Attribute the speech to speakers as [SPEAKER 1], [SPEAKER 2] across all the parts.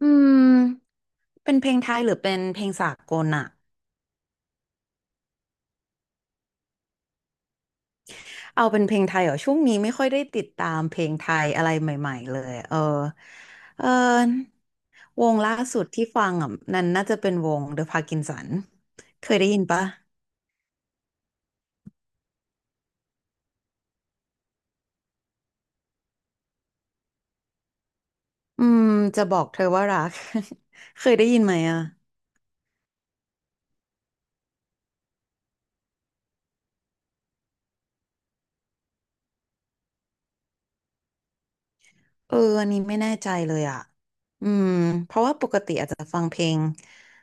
[SPEAKER 1] อืมเป็นเพลงไทยหรือเป็นเพลงสากลอะเอาเป็นเพลงไทยเหรอช่วงนี้ไม่ค่อยได้ติดตามเพลงไทยอะไรใหม่ๆเลยเออวงล่าสุดที่ฟังอ่ะนั่นน่าจะเป็นวง The Parkinson เคยได้ยินปะอืมจะบอกเธอว่ารัก เคยได้ยินไหมอ่ะเอออันนี้ไม่แน่ใจเลยอ่ะอืมเพราะว่าปกติอาจจะฟังเพลง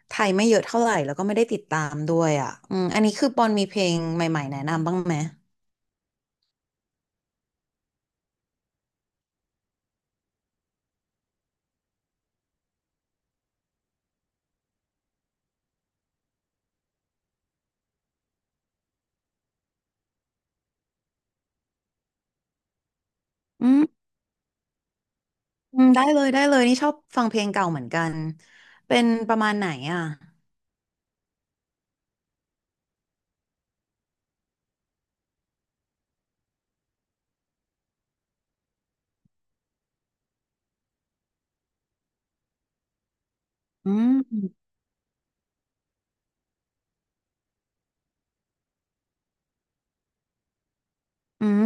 [SPEAKER 1] ไทยไม่เยอะเท่าไหร่แล้วก็ไม่ได้ติดตามด้วยอ่ะอันนี้คือปอนมีเพลงใหม่ๆแนะนำบ้างไหมอืม อืมได้เลยได้เลยนี่ชอบฟังเพลงเก่าเหมือนกันเป็นประมาณไหนอ่ะอืมอืม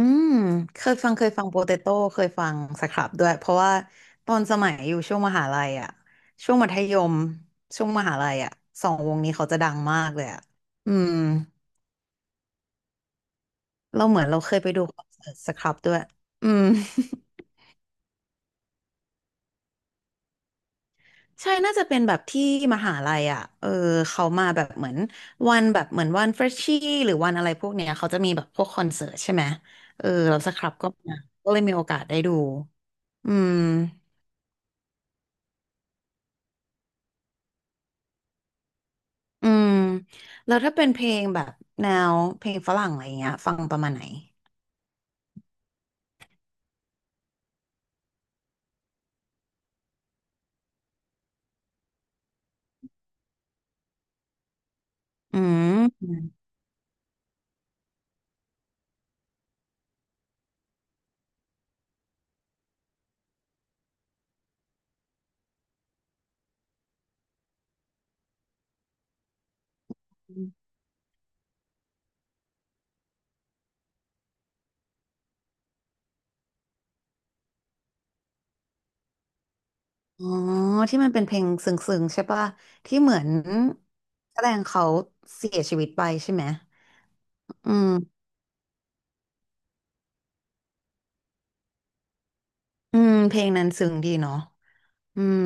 [SPEAKER 1] เคยฟังเคยฟังโปเตโต้เคยฟังสครับด้วยเพราะว่าตอนสมัยอยู่ช่วงมหาลัยอ่ะช่วงมัธยมช่วงมหาลัยอ่ะสองวงนี้เขาจะดังมากเลยอ่ะอืมเราเหมือนเราเคยไปดูคอนเสิร์ตสครับด้วยอืม ใช่น่าจะเป็นแบบที่มหาลัยอ่ะเออเขามาแบบเหมือนวันแบบเหมือนวันเฟรชชี่หรือวันอะไรพวกเนี้ยเขาจะมีแบบพวกคอนเสิร์ตใช่ไหมเออเราสครับก็มาก็เลยมีโอกาสได้ดูอืมอืมแล้วถ้าเป็นเพลงแบบแนวเพลงฝรั่งอะไรเงี้ยฟังประมาณไหนอืมอ๋อที่มันเป็นเพลงซึ้งๆใช่ปะที่เหมือนแสดงเขาเสียชีวิตไปใช่ไหมอืมอืมเพลงนั้นซึ้งดีเนาะอืม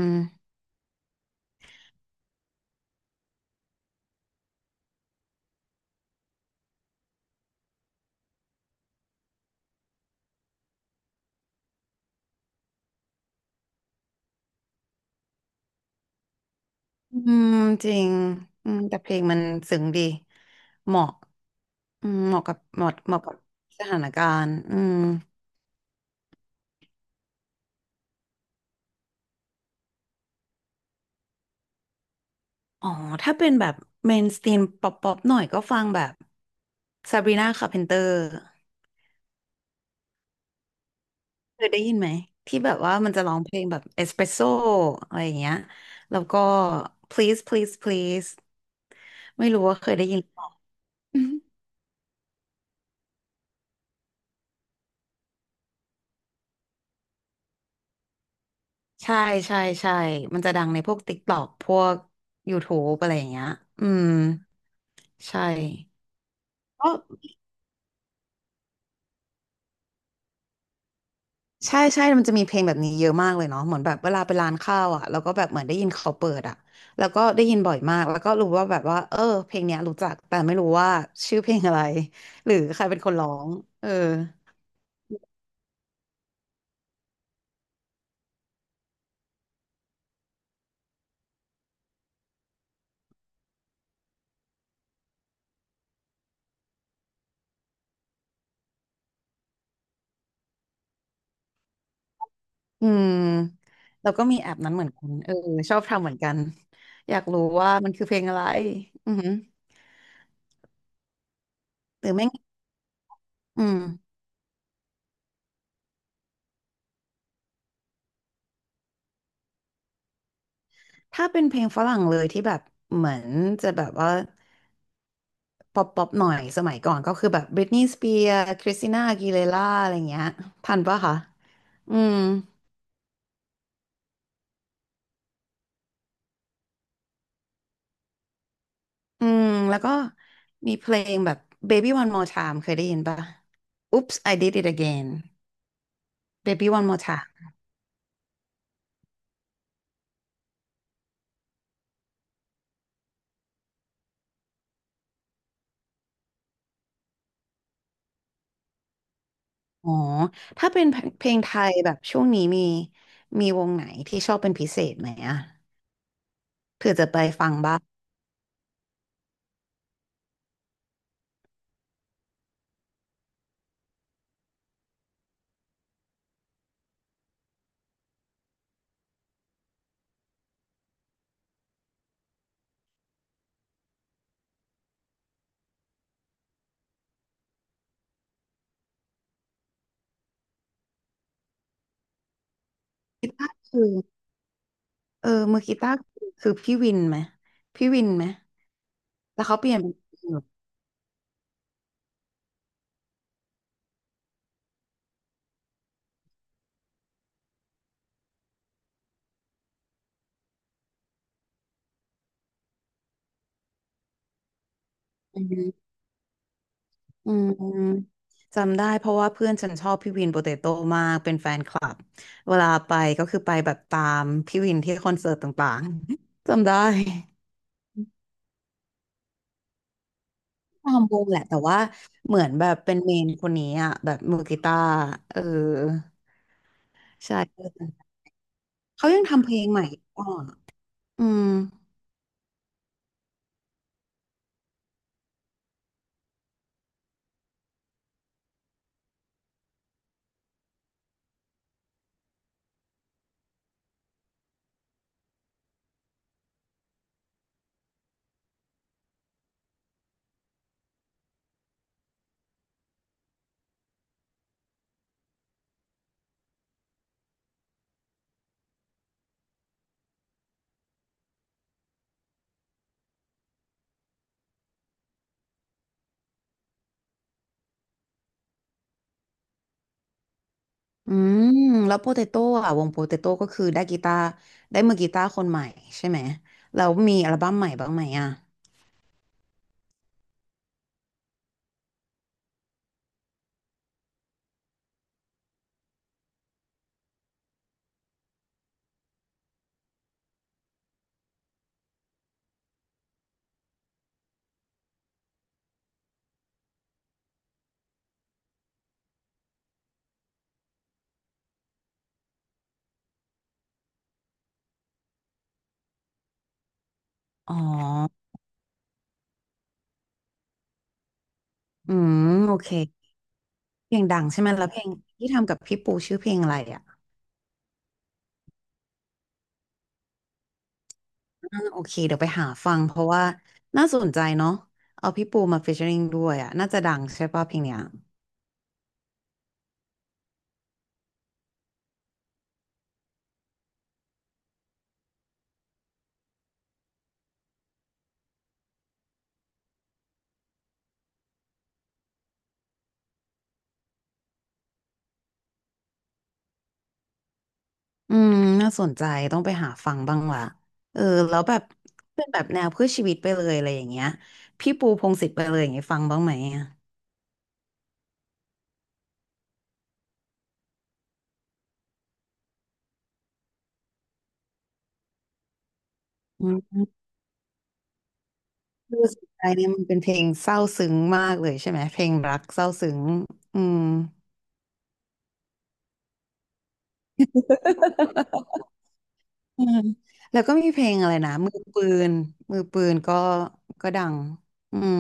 [SPEAKER 1] อืมจริงแต่เพลงมันซึ้งดีเหมาะเหมาะกับเหมาะเหมาะกับสถานการณ์อืมอ๋อถ้าเป็นแบบเมนสตรีมป๊อปป๊อปหน่อยก็ฟังแบบซาบรีนาคาร์เพนเตอร์เคยได้ยินไหมที่แบบว่ามันจะร้องเพลงแบบเอสเปรสโซอะไรอย่างเงี้ยแล้วก็ please please please ไม่รู้ว่าเคยได้ยินหรือเปล่า อืมใช่ใช่มันจะดังในพวก TikTok พวก YouTube อะไรอย่างเงี้ยอืม ใช่ก็ใช่ มันจะมีเพลงแบบนี้เยอะมากเลยเนาะเหมือนแบบเวลาไปร้านข้าวอ่ะแล้วก็แบบเหมือนได้ยินเขาเปิดอ่ะแล้วก็ได้ยินบ่อยมากแล้วก็รู้ว่าแบบว่าเออเพลงเนี้ยรู้จักแต่ไม่รู้ว่าชื่อเพลงอะไร หรือใครเป็นคนร้องเอออืมแล้วก็มีแอปนั้นเหมือนกันเออชอบทำเหมือนกันอยากรู้ว่ามันคือเพลงอะไรอือหือหรือไม่อืมถ้าเป็นเพลงฝรั่งเลยที่แบบเหมือนจะแบบว่า ป๊อปป๊อปหน่อยสมัยก่อนก็คือแบบบริตนี y s สเปียร์คริสติน่าอากีเลร่าอะไรเงี้ยทันปะคะอืมอืมแล้วก็มีเพลงแบบ Baby One More Time เคยได้ยินปะ Oops I Did It Again Baby One More Time อ๋อถ้าเป็นเพลงไทยแบบช่วงนี้มีมีวงไหนที่ชอบเป็นพิเศษไหมอะเผื่อจะไปฟังบ้างกีตาร์คือเออมือกีตาร์คือพี่วินไหมพี่วินไหมแล้วเขาเปลี่ยนเป็นอืม อืมจำได้เพราะว่าเพื่อนฉันชอบพี่วินโปเตโต้มากเป็นแฟนคลับเวลาไปก็คือไปแบบตามพี่วินที่คอนเสิร์ตต่างๆ จำได้ตามวงแหละแต่ว่าเหมือนแบบเป็นเมนคนนี้อ่ะแบบมือกีตาร์เออใช่เขายังทำเพลงใหม่อ่ะอืมอืมแล้วโปเตโต้อ่ะวงโปเตโต้ก็คือได้กีตาร์ได้มือกีตาร์คนใหม่ใช่ไหมแล้วมีอัลบั้มใหม่บ้างไหมอ่ะอ๋ออืมโอเค เพลงดังใช่ไหมแล้วเพลงที่ทำกับพี่ปูชื่อเพลงอะไรอ่ะอ่าโอเคเดี๋ยวไปหาฟังเพราะว่าน่าสนใจเนาะเอาพี่ปูมาฟีเจอริงด้วยอ่ะน่าจะดังใช่ป่ะเพลงเนี้ยอืมน่าสนใจต้องไปหาฟังบ้างว่ะเออแล้วแบบเป็นแบบแนวเพื่อชีวิตไปเลยอะไรอย่างเงี้ยพี่ปูพงษ์สิทธิ์ไปเลยอย่างเงี้ยฟังบ้างไหมอะอืมคือสนใจเนี่ยมันเป็นเพลงเศร้าซึ้งมากเลยใช่ไหมเพลงรักเศร้าซึ้งอืม อืมแล้วก็มีเพลงอะไรนะมือปืนมือปืนก็ก็ดังอืม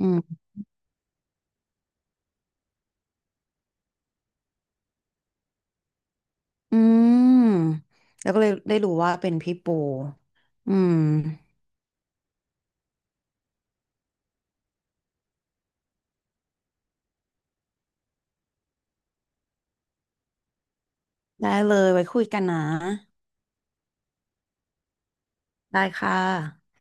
[SPEAKER 1] อืมอืมแล้วก็เลยได้รู้ว่าเป็นพี่ปูอืมได้เลยไว้คุยกันนะได้ค่ะ